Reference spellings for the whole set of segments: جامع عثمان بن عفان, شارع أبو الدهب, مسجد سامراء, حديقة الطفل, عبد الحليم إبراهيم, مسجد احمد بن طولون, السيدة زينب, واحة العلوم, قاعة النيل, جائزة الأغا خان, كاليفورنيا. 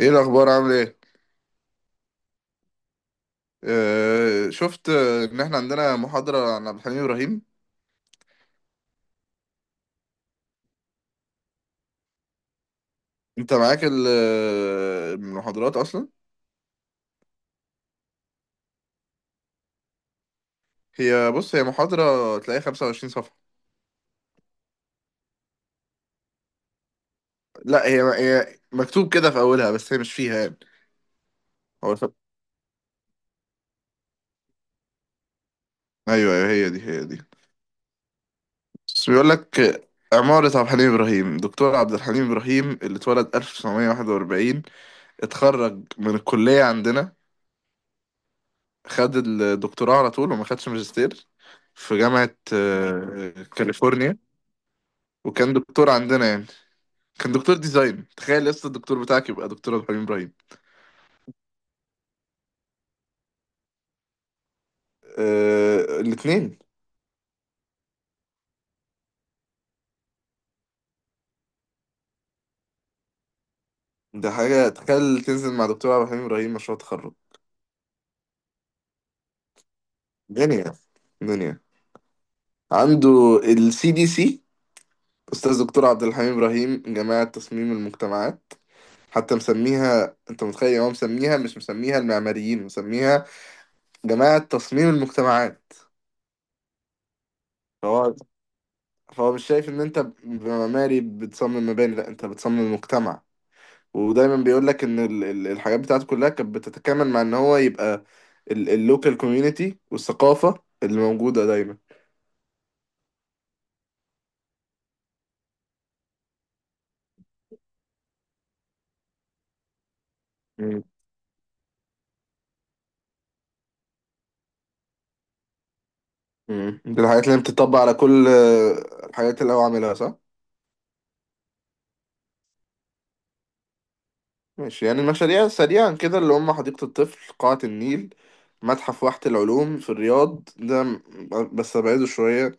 ايه الاخبار؟ عامل ايه؟ آه شفت، ان احنا عندنا محاضره عن عبد الحليم ابراهيم. انت معاك المحاضرات اصلا؟ هي بص، هي محاضره تلاقيها 25 صفحه. لا، هي مكتوب كده في اولها بس هي مش فيها يعني. هو ف... ايوه ايوه، هي دي. بس بيقول لك عمارة عبد الحليم إبراهيم، دكتور عبد الحليم إبراهيم، اللي اتولد 1941، اتخرج من الكلية عندنا، خد الدكتوراه على طول وما خدش ماجستير، في جامعة كاليفورنيا. وكان دكتور عندنا يعني. كان دكتور ديزاين. تخيل لسه الدكتور بتاعك يبقى دكتور عبد الحليم ابراهيم. آه الاثنين. ده حاجه، تخيل تنزل مع دكتور عبد الحليم ابراهيم مشروع تخرج. دنيا. دنيا. عنده السي دي سي. استاذ دكتور عبد الحليم ابراهيم، جماعه تصميم المجتمعات. حتى مسميها، انت متخيل يعني هو مسميها، مش مسميها المعماريين، مسميها جماعه تصميم المجتمعات. فهو، فهو مش شايف ان انت معماري بتصمم مباني، لا انت بتصمم مجتمع. ودايما بيقول لك ان الحاجات بتاعته كلها كانت بتتكامل مع ان هو يبقى اللوكال كوميونتي، والثقافة اللي موجودة دايما. مم. مم. دي الحاجات اللي بتطبق على كل الحاجات اللي هو عاملها، صح؟ ماشي، يعني المشاريع سريعا كده اللي هم حديقة الطفل، قاعة النيل، متحف واحة العلوم في الرياض. بس أبعده شوية.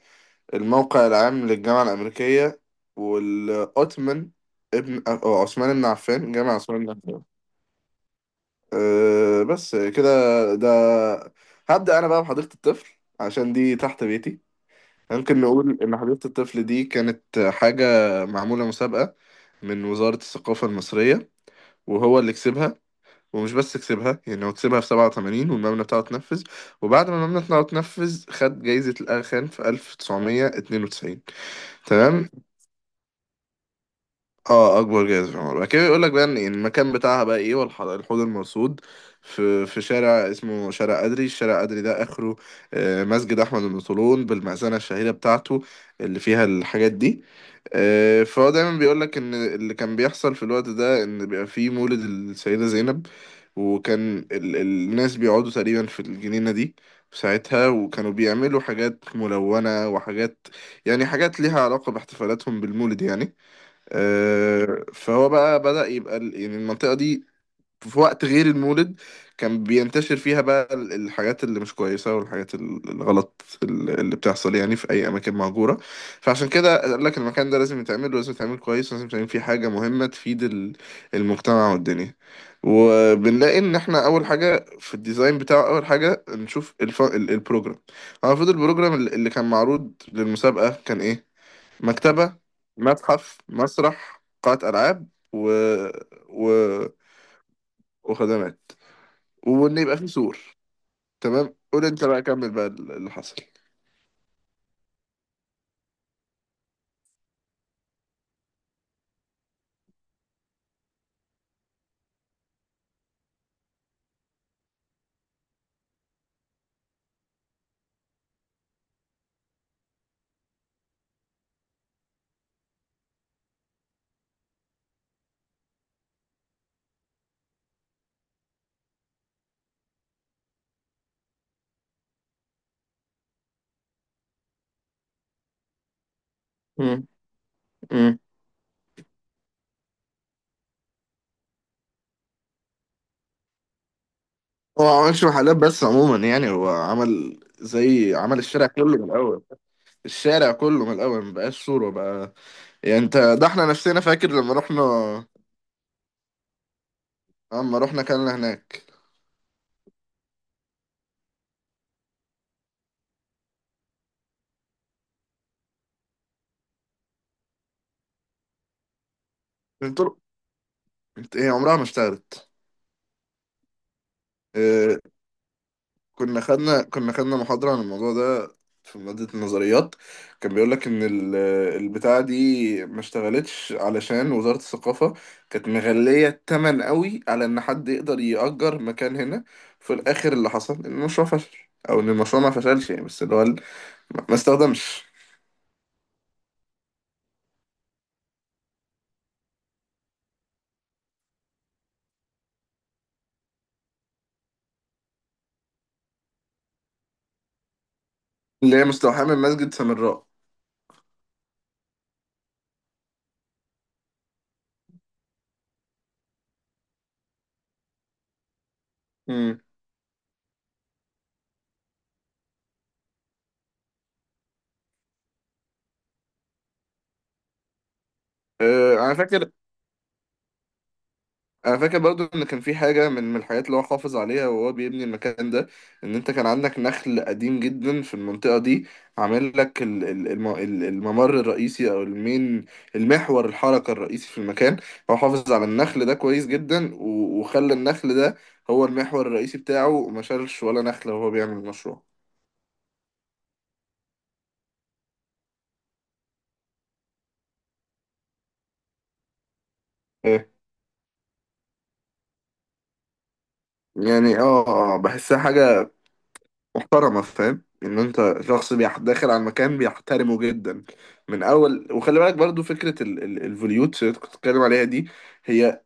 الموقع العام للجامعة الأمريكية، والأوتمن، ابن أو عثمان بن عفان، جامع عثمان بن عفان. أه بس كده. ده، هبدأ أنا بقى بحديقة الطفل عشان دي تحت بيتي. ممكن نقول إن حديقة الطفل دي كانت حاجة معمولة مسابقة من وزارة الثقافة المصرية، وهو اللي كسبها. ومش بس كسبها يعني، هو كسبها في 87 والمبنى بتاعه اتنفذ. وبعد ما المبنى بتاعه اتنفذ، خد جايزة الأغا خان في 1992. تمام. اه اكبر جائزه في العمر. بعد كده يقول لك بقى ان المكان بتاعها بقى ايه، الحوض المرصود، في شارع اسمه شارع أدري، الشارع أدري ده اخره مسجد احمد بن طولون بالمأذنه الشهيره بتاعته اللي فيها الحاجات دي. فهو دايما بيقول لك ان اللي كان بيحصل في الوقت ده ان بيبقى فيه مولد السيده زينب. وكان الناس بيقعدوا تقريبا في الجنينه دي في ساعتها، وكانوا بيعملوا حاجات ملونه وحاجات، يعني حاجات ليها علاقه باحتفالاتهم بالمولد يعني. فهو بقى بدأ يبقى يعني المنطقة دي في وقت غير المولد كان بينتشر فيها بقى الحاجات اللي مش كويسة، والحاجات الغلط اللي بتحصل يعني في أي أماكن مهجورة. فعشان كده قال لك المكان ده لازم يتعمل، ولازم يتعمل كويس، ولازم يتعمل فيه حاجة مهمة تفيد المجتمع والدنيا. وبنلاقي إن إحنا أول حاجة في الديزاين بتاعه، أول حاجة نشوف البروجرام. هو المفروض البروجرام اللي كان معروض للمسابقة كان إيه؟ مكتبة، متحف، مسرح، قاعة ألعاب، و... و... وخدمات. وإن يبقى فيه سور. تمام، قول أنت بقى، كمل بقى اللي حصل. مم. مم. هو ما عملش محلات بس عموما، يعني هو عمل زي عمل الشارع كله من الأول. الشارع كله من الأول ما بقاش صورة بقى. يعني أنت ده إحنا نفسنا فاكر لما رحنا، لما رحنا كلنا هناك. الطرق إيه، عمرها ما اشتغلت. آه، كنا خدنا محاضرة عن الموضوع ده في مادة النظريات. كان بيقول لك إن البتاعة دي ما اشتغلتش علشان وزارة الثقافة كانت مغلية التمن قوي على إن حد يقدر يأجر مكان هنا. في الآخر اللي حصل إن المشروع فشل. أو إن المشروع ما فشلش يعني، بس اللي هو ال- ما ما استخدمش اللي هي مستوحاة من مسجد سامراء. امم. أه أنا فاكر. انا فاكر برضو ان كان في حاجه من الحاجات اللي هو حافظ عليها وهو بيبني المكان ده. ان انت كان عندك نخل قديم جدا في المنطقه دي، عامل لك الممر الرئيسي او المين، المحور الحركه الرئيسي في المكان. هو حافظ على النخل ده كويس جدا، و- وخلى النخل ده هو المحور الرئيسي بتاعه، وما شالش ولا نخله وهو بيعمل المشروع. إيه؟ يعني اه، بحسها حاجه محترمة. فاهم ان انت شخص داخل على المكان بيحترمه جدا من اول. وخلي بالك برضو فكرة الفوليوت اللي كنت بتتكلم عليها دي. هي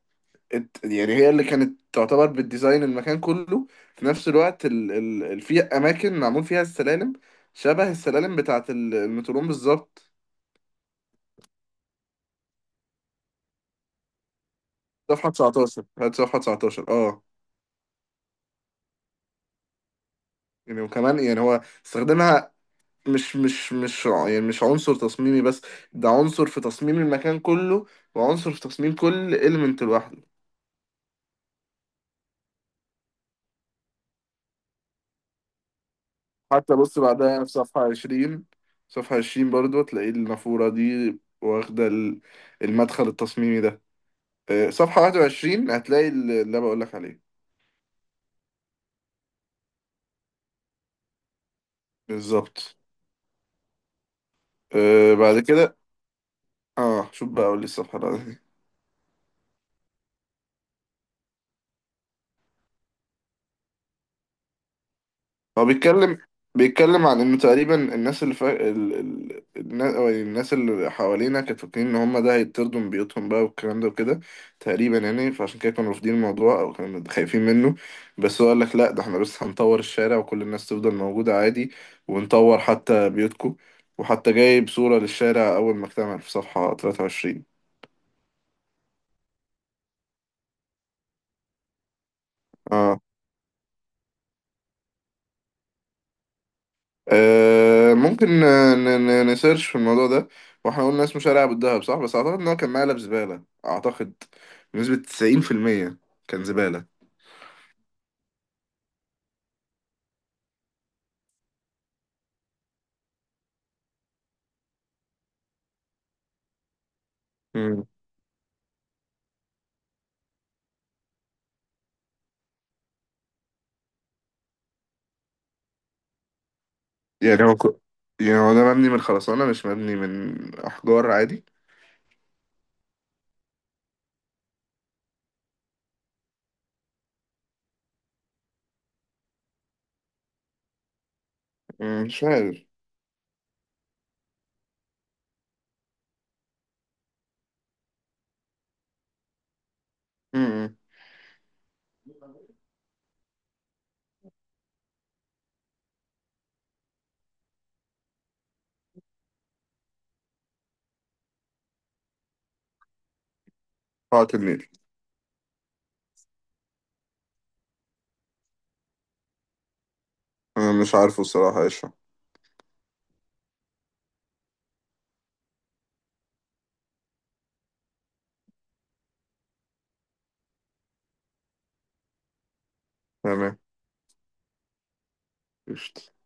يعني هي اللي كانت تعتبر بالديزاين المكان كله. في نفس الوقت في اماكن معمول فيها السلالم، شبه السلالم بتاعة المتروم بالظبط. صفحة 19، هات صفحة 19. اه يعني وكمان، يعني هو استخدمها مش مش مش ع- يعني مش عنصر تصميمي بس، ده عنصر في تصميم المكان كله، وعنصر في تصميم كل إليمنت لوحده. حتى بص بعدها يعني في صفحة 20. صفحة عشرين برضو هتلاقي النافورة دي واخدة المدخل التصميمي ده. صفحة 21 هتلاقي اللي أنا بقولك عليه. بالظبط. بعد كده. اه شوف بقى، أقول لي الصفحة. هو بيتكلم، بيتكلم عن انه تقريبا الناس اللي فا... ال... ال... الناس، أو الناس اللي حوالينا كانت فاكرين ان هم ده هيطردوا من بيوتهم بقى والكلام ده وكده، تقريبا يعني. فعشان كده كانوا رافضين الموضوع او كانوا خايفين منه. بس هو قال لك لا، ده احنا بس هنطور الشارع، وكل الناس تفضل موجودة عادي، ونطور حتى بيوتكم. وحتى جايب صورة للشارع اول ما اكتمل في صفحة 23. اه. آه ممكن، نسيرش في الموضوع ده. واحنا قلنا اسمه شارع ابو الدهب، صح؟ بس اعتقد ان هو كان مقلب زبالة، اعتقد، بنسبة 90% كان زبالة. مم. يعني يعني هو ده مبني من خرسانة، مش مبني من احجار عادي. مم، مش عارف. مم. قاعة النيل أنا مش عارفه الصراحة ايش هو. تمام. قشطة.